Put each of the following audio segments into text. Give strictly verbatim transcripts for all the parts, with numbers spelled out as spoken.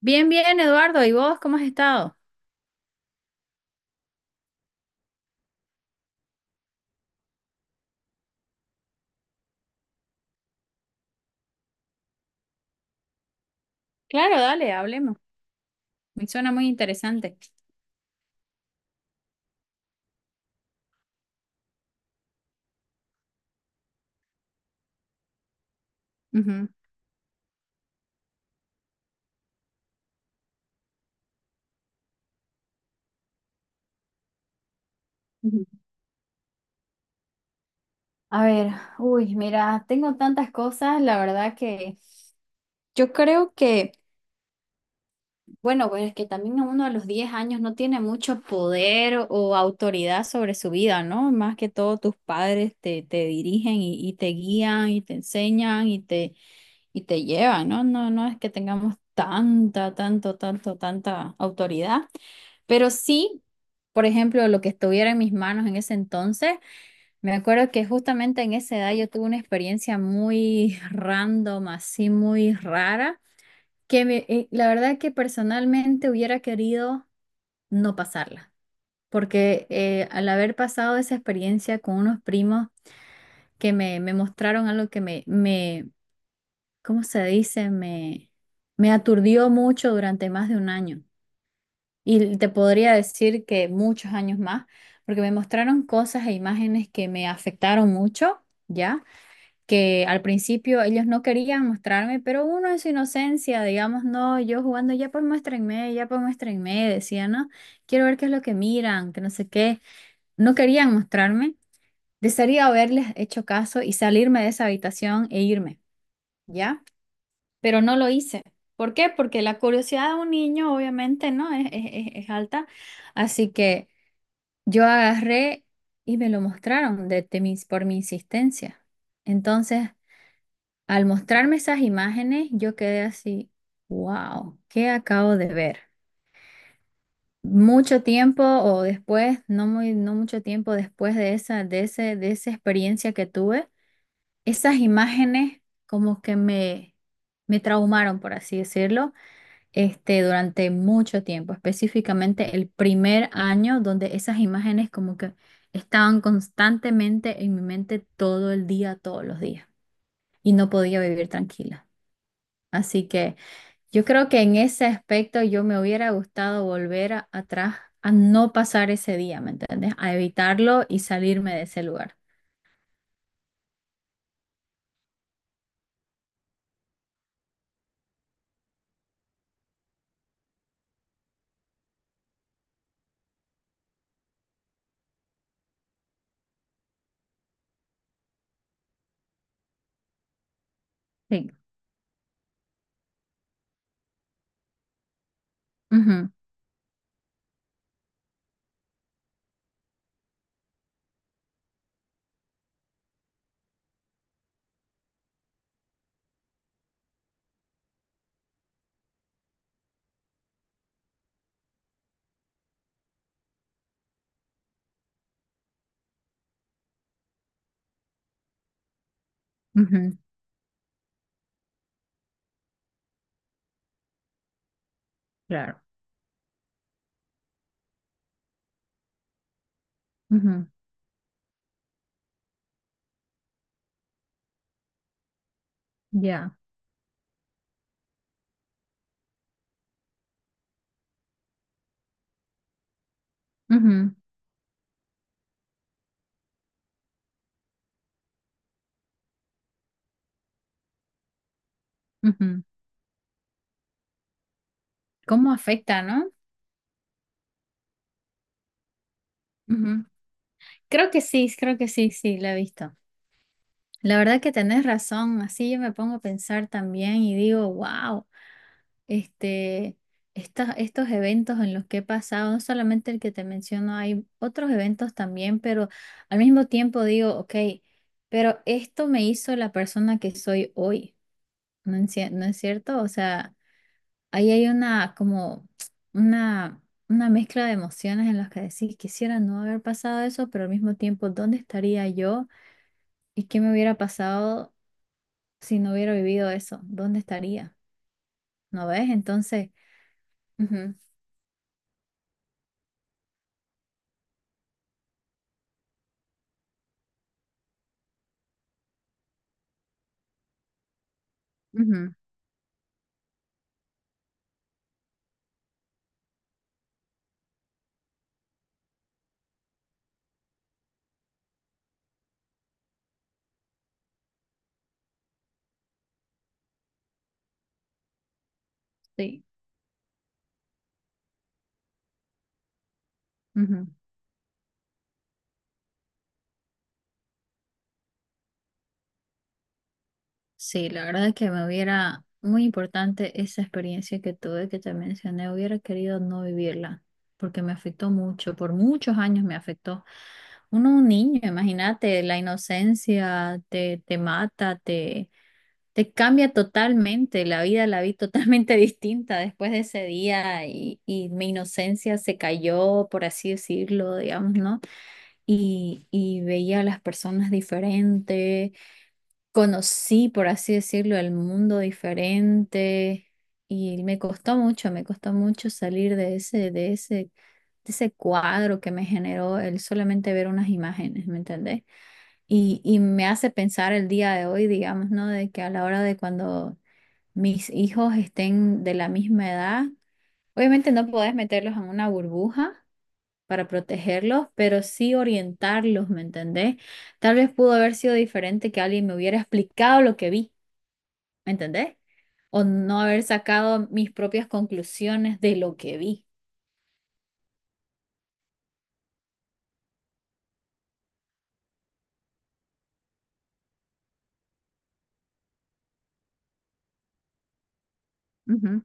Bien, bien, Eduardo. ¿Y vos cómo has estado? Claro, dale, hablemos. Me suena muy interesante. Ujú. Ujú. A ver, uy, mira, tengo tantas cosas, la verdad que yo creo que, bueno, pues es que también uno a los diez años no tiene mucho poder o autoridad sobre su vida, ¿no? Más que todo tus padres te, te dirigen y, y te guían y te enseñan y te, y te llevan, ¿no? No, no es que tengamos tanta, tanto, tanto, tanta autoridad, pero sí, por ejemplo, lo que estuviera en mis manos en ese entonces, me acuerdo que justamente en esa edad yo tuve una experiencia muy random, así muy rara, que me- eh, la verdad que personalmente hubiera querido no pasarla, porque eh, al haber pasado esa experiencia con unos primos que me, me mostraron algo que me, ¿cómo se dice? Me, me aturdió mucho durante más de un año. Y te podría decir que muchos años más, porque me mostraron cosas e imágenes que me afectaron mucho, ¿ya? Que al principio ellos no querían mostrarme, pero uno en su inocencia, digamos, no, yo jugando, ya pues muéstrenme, ya pues muéstrenme, decía, ¿no? Quiero ver qué es lo que miran, que no sé qué. No querían mostrarme. Desearía haberles hecho caso y salirme de esa habitación e irme, ¿ya? Pero no lo hice. ¿Por qué? Porque la curiosidad de un niño, obviamente, ¿no? Es, es- es- es alta. Así que yo agarré y me lo mostraron de, de mis- por mi insistencia. Entonces, al mostrarme esas imágenes, yo quedé así, wow, ¿qué acabo de ver? Mucho tiempo o después, no muy, no mucho tiempo después de esa, de ese, de esa experiencia que tuve, esas imágenes como que me, me traumaron, por así decirlo, este, durante mucho tiempo, específicamente el primer año, donde esas imágenes como que estaban constantemente en mi mente todo el día, todos los días, y no podía vivir tranquila. Así que yo creo que en ese aspecto yo me hubiera gustado volver a- atrás a no pasar ese día, ¿me entiendes? A evitarlo y salirme de ese lugar. Sí. Ujú, ujú. Claro. Ujú. Ya. Ujú, ujú. ¿Cómo afecta, no? Ujú. Creo que sí, creo que sí, sí, la he visto. La verdad que tenés razón, así yo me pongo a pensar también y digo, wow, este, estos, estos eventos en los que he pasado, no solamente el que te menciono, hay otros eventos también, pero al mismo tiempo digo, ok, pero esto me hizo la persona que soy hoy, ¿no es, cier- no es cierto? O sea, ahí hay una como una... Una mezcla de emociones en las que decís, quisiera no haber pasado eso, pero al mismo tiempo, ¿dónde estaría yo? ¿Y qué me hubiera pasado si no hubiera vivido eso? ¿Dónde estaría? ¿No ves? Entonces, ujú, ujú, sí, ujú. Sí, la verdad es que me hubiera, muy importante esa experiencia que tuve, que te mencioné, hubiera querido no vivirla, porque me afectó mucho, por muchos años me afectó. Uno, un niño, imagínate, la inocencia te, te mata, te Te cambia totalmente, la vida la vi totalmente distinta después de ese día y, y mi inocencia se cayó, por así decirlo, digamos, ¿no? Y, y veía a las personas diferentes, conocí, por así decirlo, el mundo diferente y me costó mucho, me costó mucho salir de ese, de ese, de ese cuadro que me generó el solamente ver unas imágenes, ¿me entendés? Y, y me hace pensar el día de hoy, digamos, ¿no? De que a la hora de cuando mis hijos estén de la misma edad. Obviamente no podés meterlos en una burbuja para protegerlos, pero sí orientarlos, ¿me entendés? Tal vez pudo haber sido diferente que alguien me hubiera explicado lo que vi, ¿me entendés? O no haber sacado mis propias conclusiones de lo que vi. Ujú.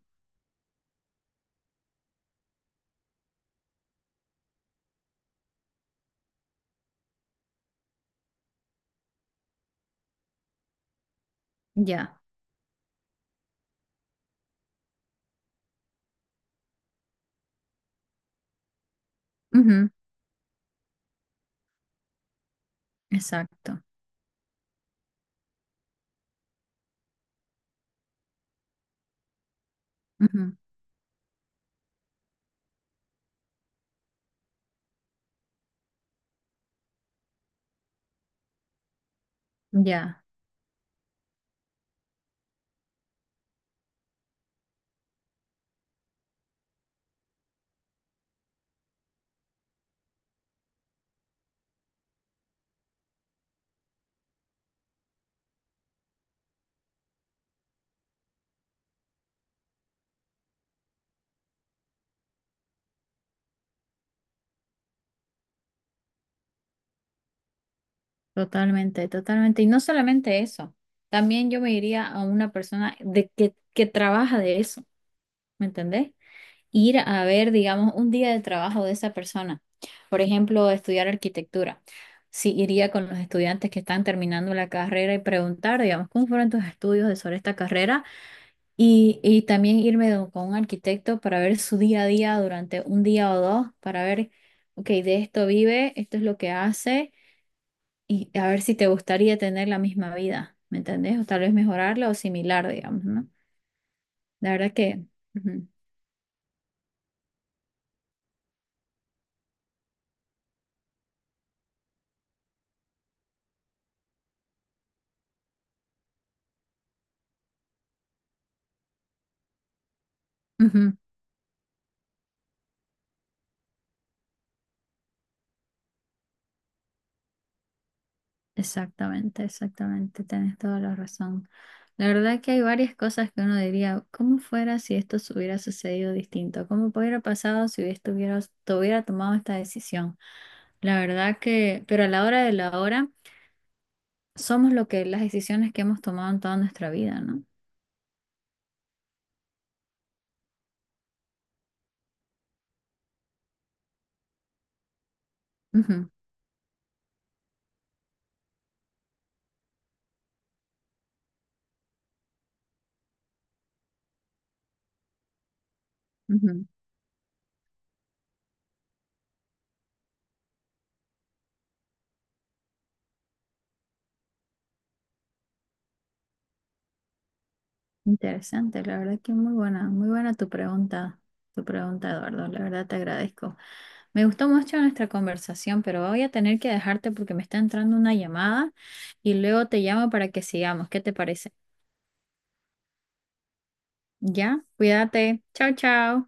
Ya, ujú, exacto. Ujú. Ya, totalmente, totalmente. Y no solamente eso, también yo me iría a una persona de que, que trabaja de eso, ¿me entendés? Ir a ver, digamos, un día de trabajo de esa persona. Por ejemplo, estudiar arquitectura. Sí, iría con los estudiantes que están terminando la carrera y preguntar, digamos, cómo fueron tus estudios de- sobre esta carrera y, y también irme do- con un arquitecto para ver su día a día durante un día o dos, para ver, ok, de esto vive, esto es lo que hace y a ver si te gustaría tener la misma vida, ¿me entendés? O tal vez mejorarla o similar, digamos, ¿no? La verdad que... ujú, ujú. Exactamente, exactamente, tenés toda la razón. La verdad que hay varias cosas que uno diría, ¿cómo fuera si esto se hubiera sucedido distinto? ¿Cómo hubiera pasado si estuviera, hubiera tomado esta decisión? La verdad que, pero a la hora de la hora, somos lo que las decisiones que hemos tomado en toda nuestra vida, ¿no? Ujú, ujú. Interesante, la verdad que muy buena, muy buena tu pregunta, tu pregunta, Eduardo, la verdad te agradezco. Me gustó mucho nuestra conversación, pero voy a tener que dejarte porque me está entrando una llamada y luego te llamo para que sigamos. ¿Qué te parece? Ya, cuídate. Chao, chao.